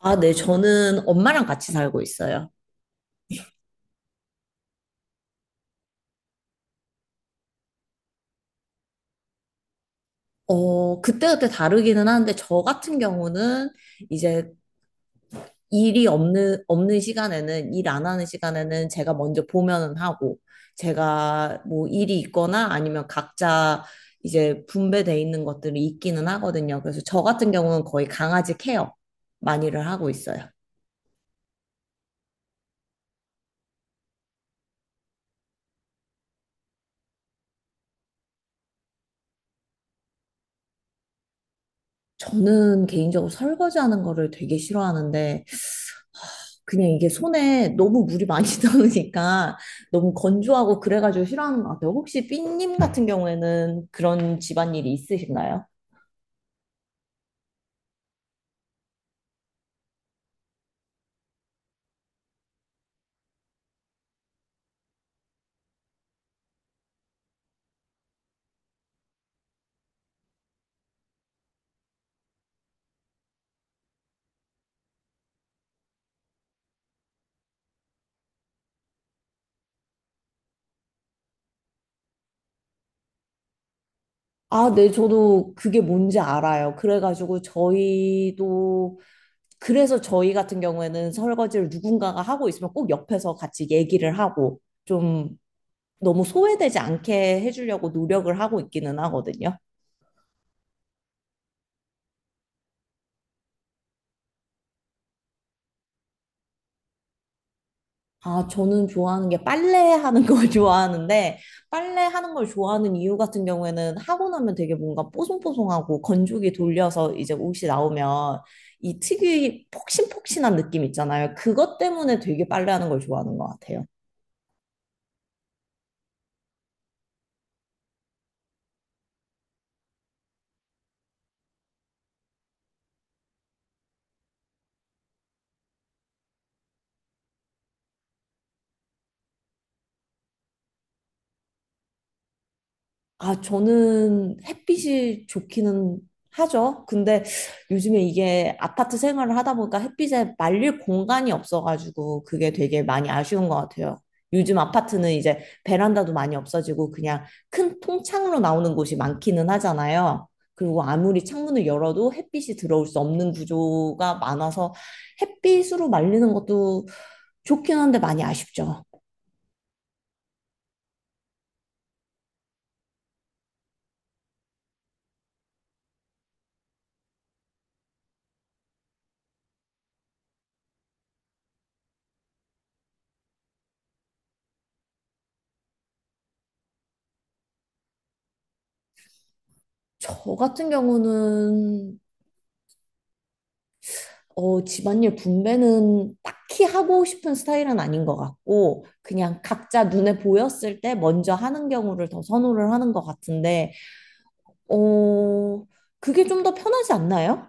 아, 네, 저는 엄마랑 같이 살고 있어요. 어, 그때그때 다르기는 하는데, 저 같은 경우는 이제 일이 없는 시간에는, 일 안 하는 시간에는 제가 먼저 보면은 하고, 제가 뭐 일이 있거나 아니면 각자 이제 분배돼 있는 것들이 있기는 하거든요. 그래서 저 같은 경우는 거의 강아지 케어 많이를 하고 있어요. 저는 개인적으로 설거지하는 거를 되게 싫어하는데, 그냥 이게 손에 너무 물이 많이 나오니까 너무 건조하고 그래가지고 싫어하는 것 같아요. 혹시 삐님 같은 경우에는 그런 집안일이 있으신가요? 아, 네, 저도 그게 뭔지 알아요. 그래가지고 저희도, 그래서 저희 같은 경우에는 설거지를 누군가가 하고 있으면 꼭 옆에서 같이 얘기를 하고 좀 너무 소외되지 않게 해주려고 노력을 하고 있기는 하거든요. 아, 저는 좋아하는 게 빨래하는 걸 좋아하는데, 빨래하는 걸 좋아하는 이유 같은 경우에는 하고 나면 되게 뭔가 뽀송뽀송하고 건조기 돌려서 이제 옷이 나오면 이 특유의 폭신폭신한 느낌 있잖아요. 그것 때문에 되게 빨래하는 걸 좋아하는 것 같아요. 아, 저는 햇빛이 좋기는 하죠. 근데 요즘에 이게 아파트 생활을 하다 보니까 햇빛에 말릴 공간이 없어가지고 그게 되게 많이 아쉬운 것 같아요. 요즘 아파트는 이제 베란다도 많이 없어지고 그냥 큰 통창으로 나오는 곳이 많기는 하잖아요. 그리고 아무리 창문을 열어도 햇빛이 들어올 수 없는 구조가 많아서 햇빛으로 말리는 것도 좋긴 한데 많이 아쉽죠. 저 같은 경우는 어, 집안일 분배는 딱히 하고 싶은 스타일은 아닌 것 같고, 그냥 각자 눈에 보였을 때 먼저 하는 경우를 더 선호를 하는 것 같은데, 어, 그게 좀 더 편하지 않나요?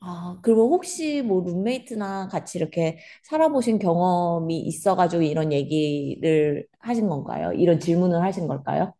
아, 그리고 혹시 뭐 룸메이트나 같이 이렇게 살아보신 경험이 있어가지고 이런 얘기를 하신 건가요? 이런 질문을 하신 걸까요?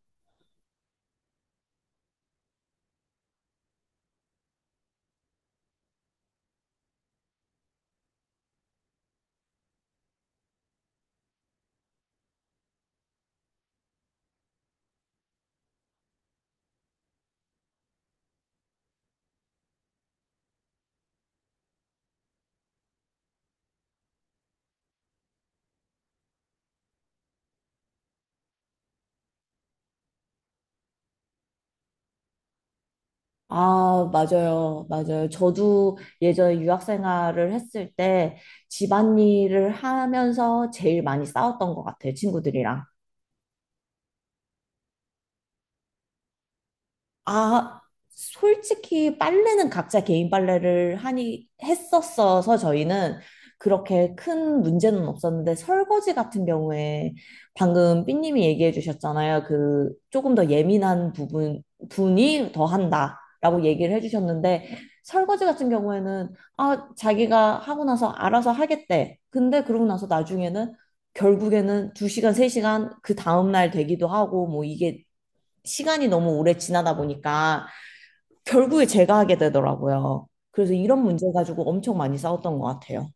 아, 맞아요. 맞아요. 저도 예전에 유학 생활을 했을 때 집안일을 하면서 제일 많이 싸웠던 것 같아요, 친구들이랑. 아, 솔직히 빨래는 각자 개인 빨래를 하니 했었어서 저희는 그렇게 큰 문제는 없었는데 설거지 같은 경우에 방금 삐님이 얘기해 주셨잖아요. 그 조금 더 예민한 부분 분이 더 한다라고 얘기를 해 주셨는데 설거지 같은 경우에는 아, 자기가 하고 나서 알아서 하겠대. 근데 그러고 나서 나중에는 결국에는 2시간, 3시간 그 다음날 되기도 하고 뭐 이게 시간이 너무 오래 지나다 보니까 결국에 제가 하게 되더라고요. 그래서 이런 문제 가지고 엄청 많이 싸웠던 것 같아요.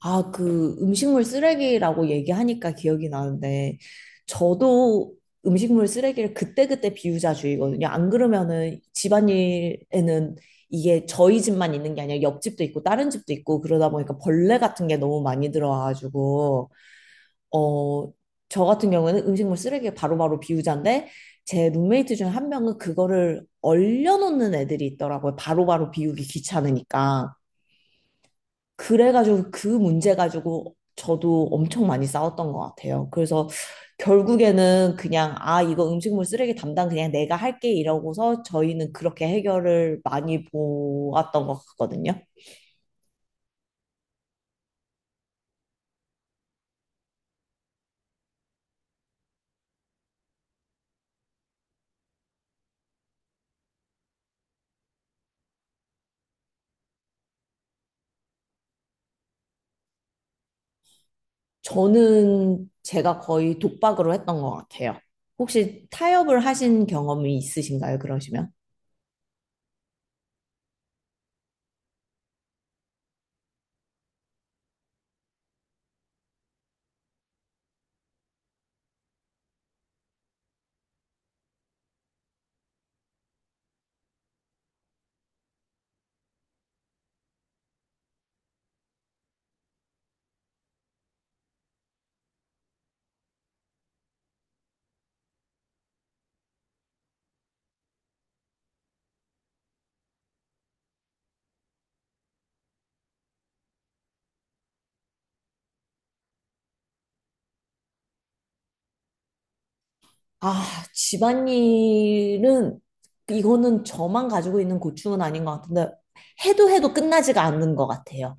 아, 그 음식물 쓰레기라고 얘기하니까 기억이 나는데 저도 음식물 쓰레기를 그때그때 비우자주의거든요. 안 그러면은 집안일에는 이게 저희 집만 있는 게 아니라 옆집도 있고 다른 집도 있고 그러다 보니까 벌레 같은 게 너무 많이 들어와가지고 어, 저 같은 경우에는 음식물 쓰레기 바로바로 비우자인데 제 룸메이트 중 한 명은 그거를 얼려놓는 애들이 있더라고요. 바로바로 비우기 귀찮으니까. 그래가지고 그 문제 가지고 저도 엄청 많이 싸웠던 것 같아요. 그래서 결국에는 그냥 아, 이거 음식물 쓰레기 담당 그냥 내가 할게 이러고서 저희는 그렇게 해결을 많이 보았던 것 같거든요. 저는 제가 거의 독박으로 했던 것 같아요. 혹시 타협을 하신 경험이 있으신가요, 그러시면? 아, 집안일은, 이거는 저만 가지고 있는 고충은 아닌 것 같은데, 해도 해도 끝나지가 않는 것 같아요.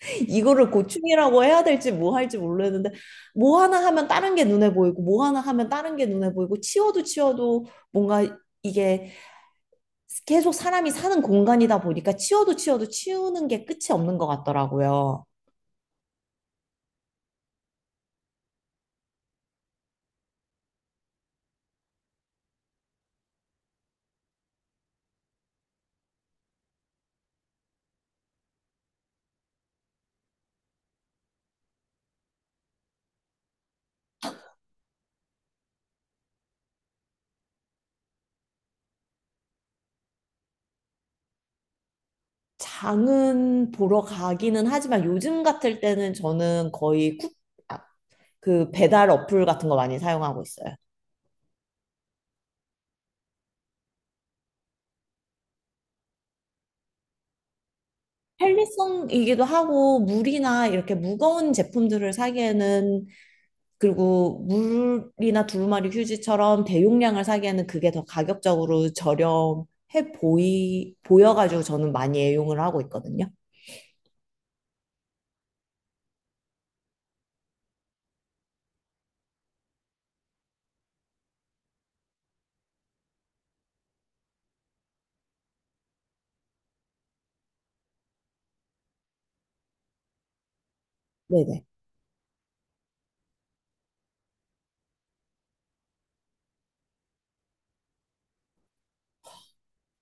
이거를 고충이라고 해야 될지 뭐 할지 모르겠는데, 뭐 하나 하면 다른 게 눈에 보이고, 뭐 하나 하면 다른 게 눈에 보이고, 치워도 치워도 뭔가 이게 계속 사람이 사는 공간이다 보니까 치워도 치워도 치우는 게 끝이 없는 것 같더라고요. 장은 보러 가기는 하지만 요즘 같을 때는 저는 거의 아, 그 배달 어플 같은 거 많이 사용하고 있어요. 편리성이기도 하고 물이나 이렇게 무거운 제품들을 사기에는 그리고 물이나 두루마리 휴지처럼 대용량을 사기에는 그게 더 가격적으로 저렴해 보이 보여가지고 저는 많이 애용을 하고 있거든요. 네네.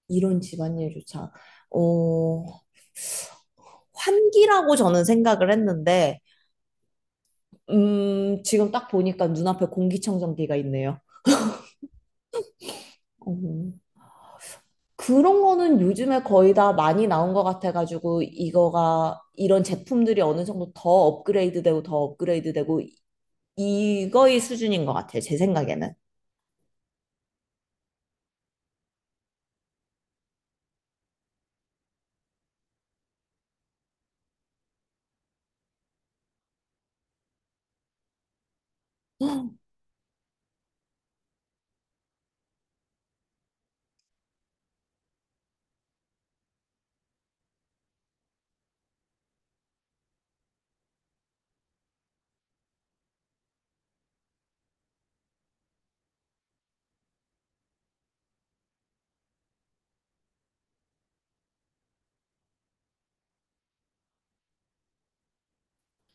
이런 집안일조차 어 환기라고 저는 생각을 했는데 지금 딱 보니까 눈앞에 공기청정기가 있네요. 음, 그런 거는 요즘에 거의 다 많이 나온 것 같아가지고, 이런 제품들이 어느 정도 더 업그레이드 되고, 더 업그레이드 되고, 이거의 수준인 것 같아요. 제 생각에는.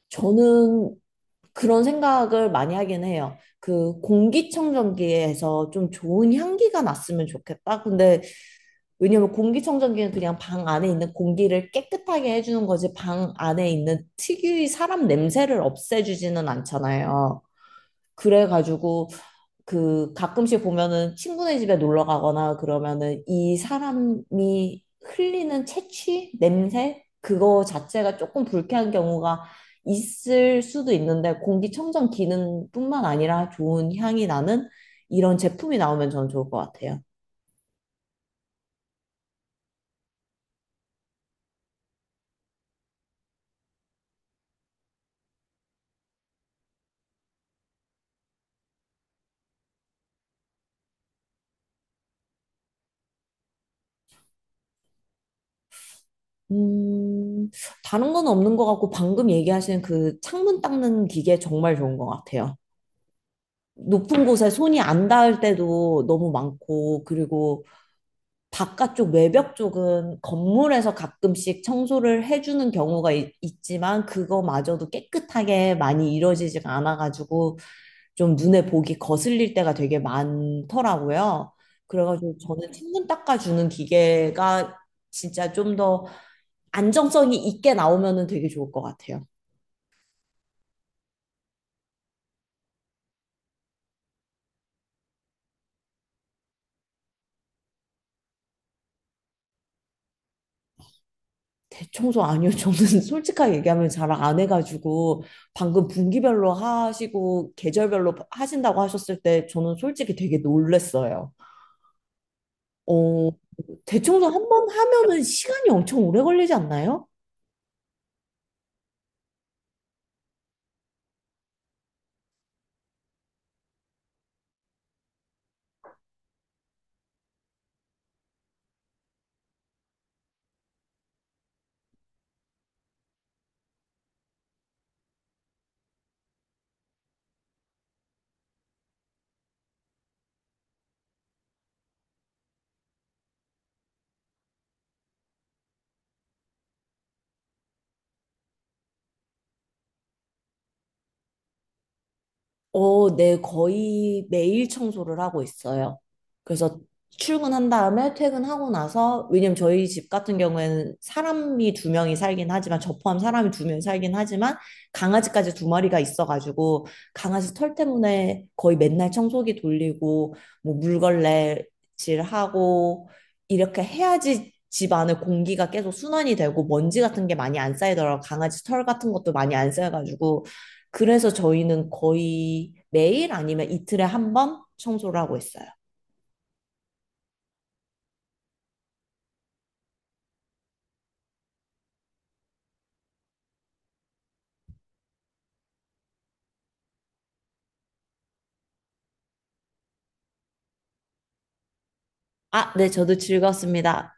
저는 그런 생각을 많이 하긴 해요. 그 공기청정기에서 좀 좋은 향기가 났으면 좋겠다. 근데 왜냐면 공기청정기는 그냥 방 안에 있는 공기를 깨끗하게 해주는 거지 방 안에 있는 특유의 사람 냄새를 없애주지는 않잖아요. 그래가지고 그 가끔씩 보면은 친구네 집에 놀러 가거나 그러면은 이 사람이 흘리는 채취 냄새 그거 자체가 조금 불쾌한 경우가 있을 수도 있는데 공기청정 기능뿐만 아니라 좋은 향이 나는 이런 제품이 나오면 저는 좋을 것 같아요. 음, 다른 건 없는 것 같고 방금 얘기하신 그 창문 닦는 기계 정말 좋은 것 같아요. 높은 곳에 손이 안 닿을 때도 너무 많고 그리고 바깥쪽 외벽 쪽은 건물에서 가끔씩 청소를 해주는 경우가 지만 그거마저도 깨끗하게 많이 이루어지지가 않아가지고 좀 눈에 보기 거슬릴 때가 되게 많더라고요. 그래가지고 저는 창문 닦아주는 기계가 진짜 좀 더 안정성이 있게 나오면은 되게 좋을 것 같아요. 대청소 아니요. 저는 솔직하게 얘기하면 잘 안 해가지고 방금 분기별로 하시고 계절별로 하신다고 하셨을 때 저는 솔직히 되게 놀랬어요. 어, 대청소 한 번 하면은 시간이 엄청 오래 걸리지 않나요? 어, 네, 거의 매일 청소를 하고 있어요. 그래서 출근한 다음에 퇴근하고 나서, 왜냐면 저희 집 같은 경우에는 사람이 두 명이 살긴 하지만, 저 포함 사람이 두 명이 살긴 하지만, 강아지까지 두 마리가 있어가지고, 강아지 털 때문에 거의 맨날 청소기 돌리고, 뭐 물걸레질 하고, 이렇게 해야지 집 안에 공기가 계속 순환이 되고, 먼지 같은 게 많이 안 쌓이더라고요. 강아지 털 같은 것도 많이 안 쌓여가지고, 그래서 저희는 거의 매일 아니면 이틀에 한 번 청소를 하고 있어요. 아, 네, 저도 즐거웠습니다.